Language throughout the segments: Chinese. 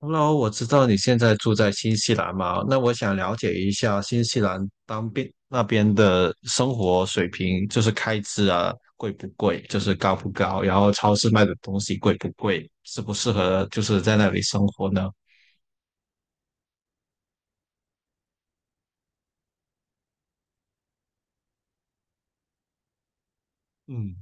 Hello，我知道你现在住在新西兰嘛，那我想了解一下新西兰当边那边的生活水平，就是开支啊，贵不贵，就是高不高，然后超市卖的东西贵不贵，适不适合就是在那里生活呢？嗯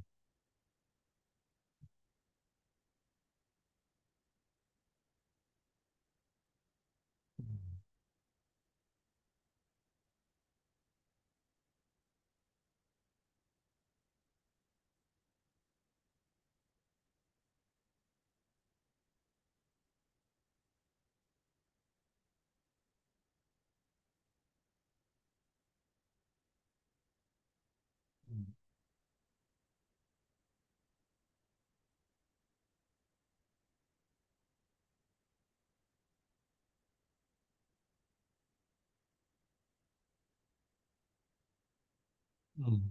嗯。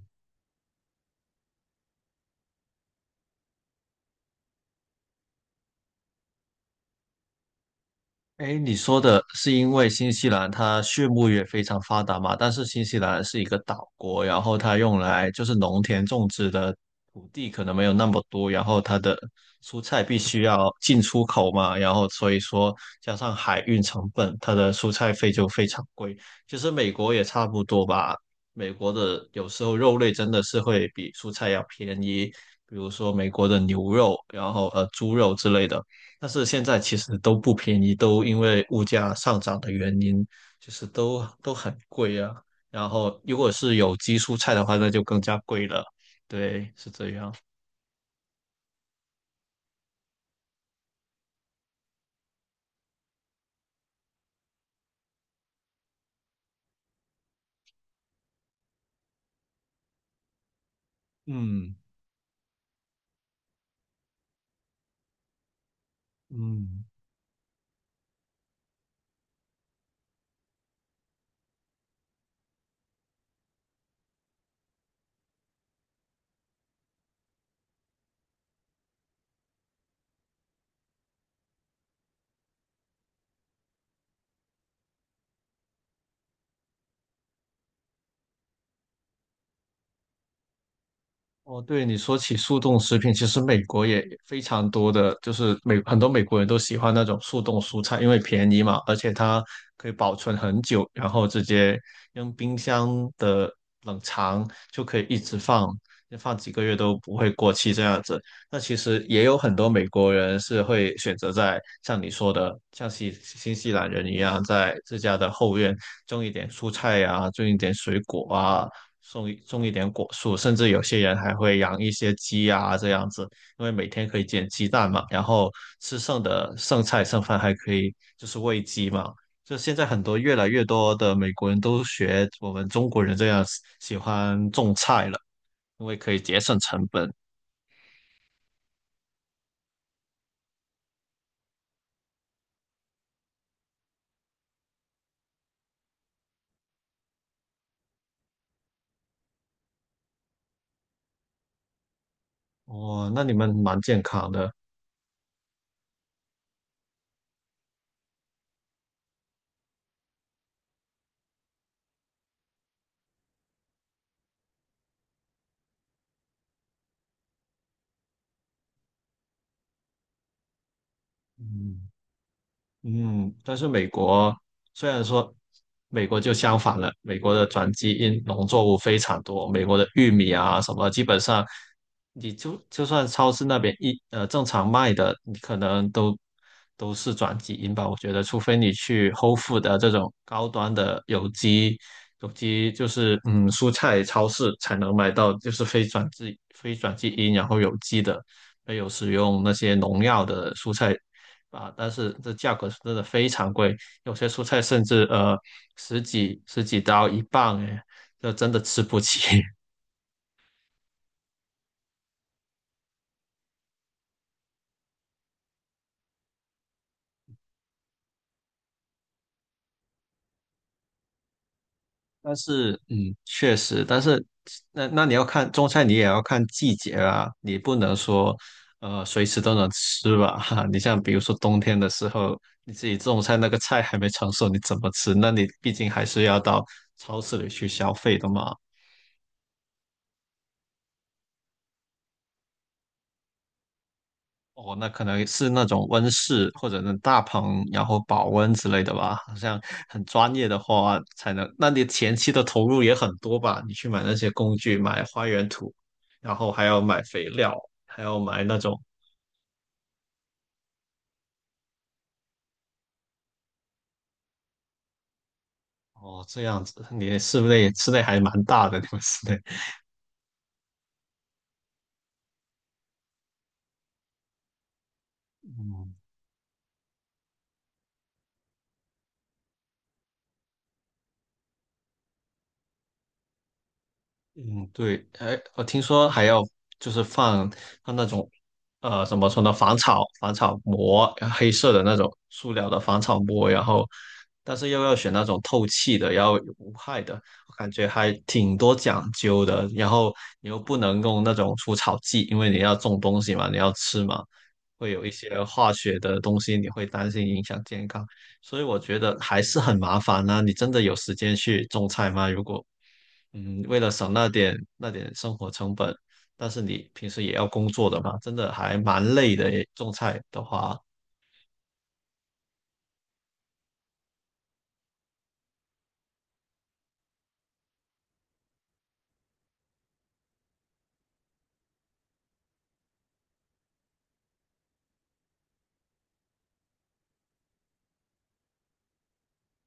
哎，你说的是因为新西兰它畜牧业非常发达嘛？但是新西兰是一个岛国，然后它用来就是农田种植的土地可能没有那么多，然后它的蔬菜必须要进出口嘛，然后所以说加上海运成本，它的蔬菜费就非常贵。其实美国也差不多吧，美国的有时候肉类真的是会比蔬菜要便宜，比如说美国的牛肉，然后猪肉之类的。但是现在其实都不便宜，都因为物价上涨的原因，就是都很贵啊。然后如果是有机蔬菜的话，那就更加贵了。对，是这样。嗯嗯。哦，对，你说起速冻食品，其实美国也非常多的，就是美很多美国人都喜欢那种速冻蔬菜，因为便宜嘛，而且它可以保存很久，然后直接用冰箱的冷藏就可以一直放，放几个月都不会过期这样子。那其实也有很多美国人是会选择在像你说的，像新西兰人一样，在自家的后院种一点蔬菜呀，种一点水果啊，种一点果树，甚至有些人还会养一些鸡啊这样子，因为每天可以捡鸡蛋嘛，然后吃剩的剩菜剩饭还可以就是喂鸡嘛。就现在很多越来越多的美国人都学我们中国人这样喜欢种菜了，因为可以节省成本。哦，那你们蛮健康的，嗯。嗯，但是美国虽然说美国就相反了，美国的转基因农作物非常多，美国的玉米啊什么，基本上你就就算超市那边正常卖的，你可能都是转基因吧。我觉得，除非你去 Whole Food 的这种高端的有机就是蔬菜超市才能买到，就是非转基因然后有机的。没有使用那些农药的蔬菜啊，但是这价格是真的非常贵，有些蔬菜甚至十几刀一磅，哎，这真的吃不起。但是嗯，确实，但是那你要看种菜，你也要看季节啊，你不能说随时都能吃吧。哈，你像比如说冬天的时候，你自己种菜那个菜还没成熟，你怎么吃？那你毕竟还是要到超市里去消费的嘛。哦，那可能是那种温室或者那大棚，然后保温之类的吧。好像很专业的话才能，那你前期的投入也很多吧？你去买那些工具，买花园土，然后还要买肥料，还要买那种，哦，这样子，你室内还蛮大的，你们室内。嗯嗯，对，哎，我听说还要就是放那种，怎么说呢，防草膜，黑色的那种塑料的防草膜，然后，但是又要选那种透气的，要有无害的，我感觉还挺多讲究的。然后你又不能用那种除草剂，因为你要种东西嘛，你要吃嘛，会有一些化学的东西，你会担心影响健康，所以我觉得还是很麻烦呢、你真的有时间去种菜吗？如果嗯，为了省那点生活成本，但是你平时也要工作的嘛，真的还蛮累的诶种菜的话，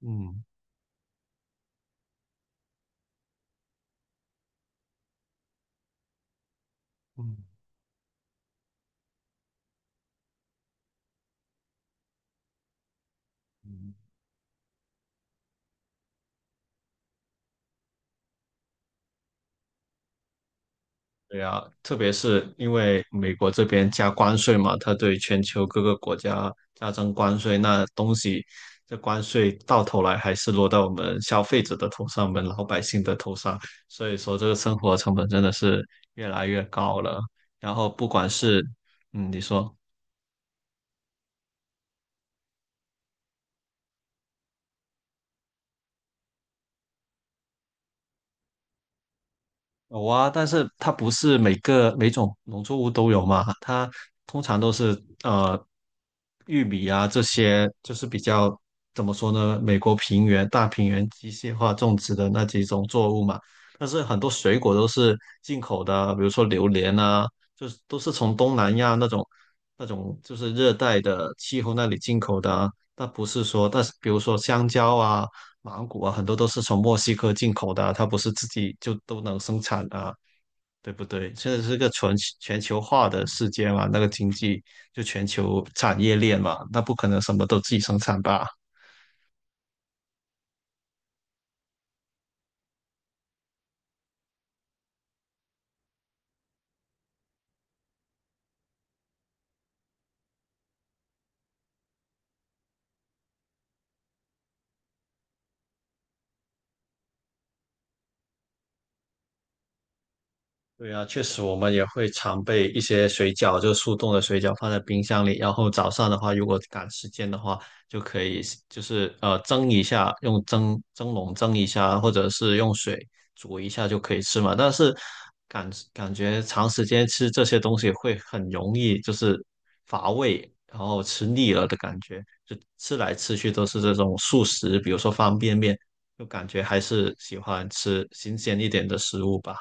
嗯嗯嗯，对啊，特别是因为美国这边加关税嘛，它对全球各个国家加征关税，那东西这关税到头来还是落到我们消费者的头上，我们老百姓的头上，所以说这个生活成本真的是越来越高了。然后不管是嗯，你说。有啊，但是它不是每个每种农作物都有嘛，它通常都是玉米啊这些，就是比较怎么说呢，美国平原大平原机械化种植的那几种作物嘛。但是很多水果都是进口的啊，比如说榴莲啊，就是都是从东南亚那种就是热带的气候那里进口的啊。那不是说，但是比如说香蕉啊，芒果啊，很多都是从墨西哥进口的啊它不是自己就都能生产啊，对不对？现在是个全球化的世界嘛，那个经济就全球产业链嘛，那不可能什么都自己生产吧？对啊，确实我们也会常备一些水饺，就是速冻的水饺放在冰箱里，然后早上的话，如果赶时间的话，就可以就是蒸一下，用蒸笼蒸一下，或者是用水煮一下就可以吃嘛。但是感觉长时间吃这些东西会很容易就是乏味，然后吃腻了的感觉，就吃来吃去都是这种速食，比如说方便面，就感觉还是喜欢吃新鲜一点的食物吧。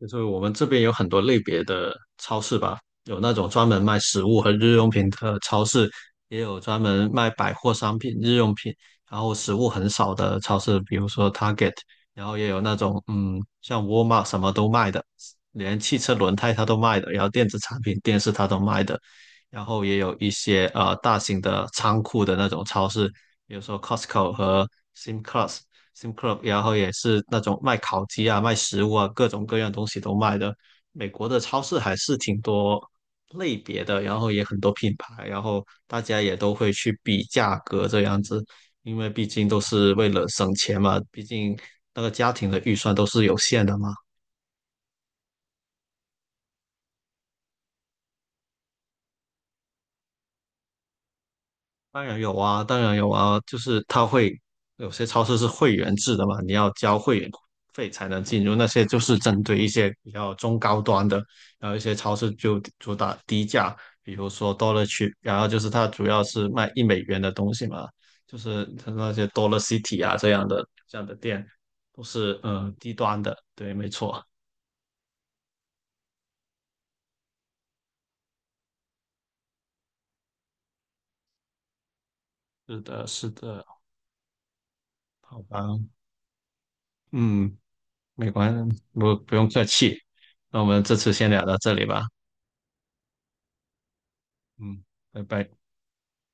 就是我们这边有很多类别的超市吧，有那种专门卖食物和日用品的超市，也有专门卖百货商品、日用品，然后食物很少的超市，比如说 Target,然后也有那种嗯，像沃尔玛什么都卖的，连汽车轮胎它都卖的，然后电子产品、电视它都卖的，然后也有一些大型的仓库的那种超市，比如说 Costco 和 Simclast，Sim Club,然后也是那种卖烤鸡啊、卖食物啊，各种各样东西都卖的。美国的超市还是挺多类别的，然后也很多品牌，然后大家也都会去比价格这样子，因为毕竟都是为了省钱嘛，毕竟那个家庭的预算都是有限的嘛。当然有啊，当然有啊，就是它会有些超市是会员制的嘛，你要交会员费才能进入，那些就是针对一些比较中高端的，然后一些超市就主打低价，比如说 Dollar Tree,然后就是它主要是卖一美元的东西嘛，就是它那些 Dollar City 啊这样的店都是低端的，对，没错，是的，是的，好吧，嗯，没关，不用客气，那我们这次先聊到这里吧。嗯，拜拜。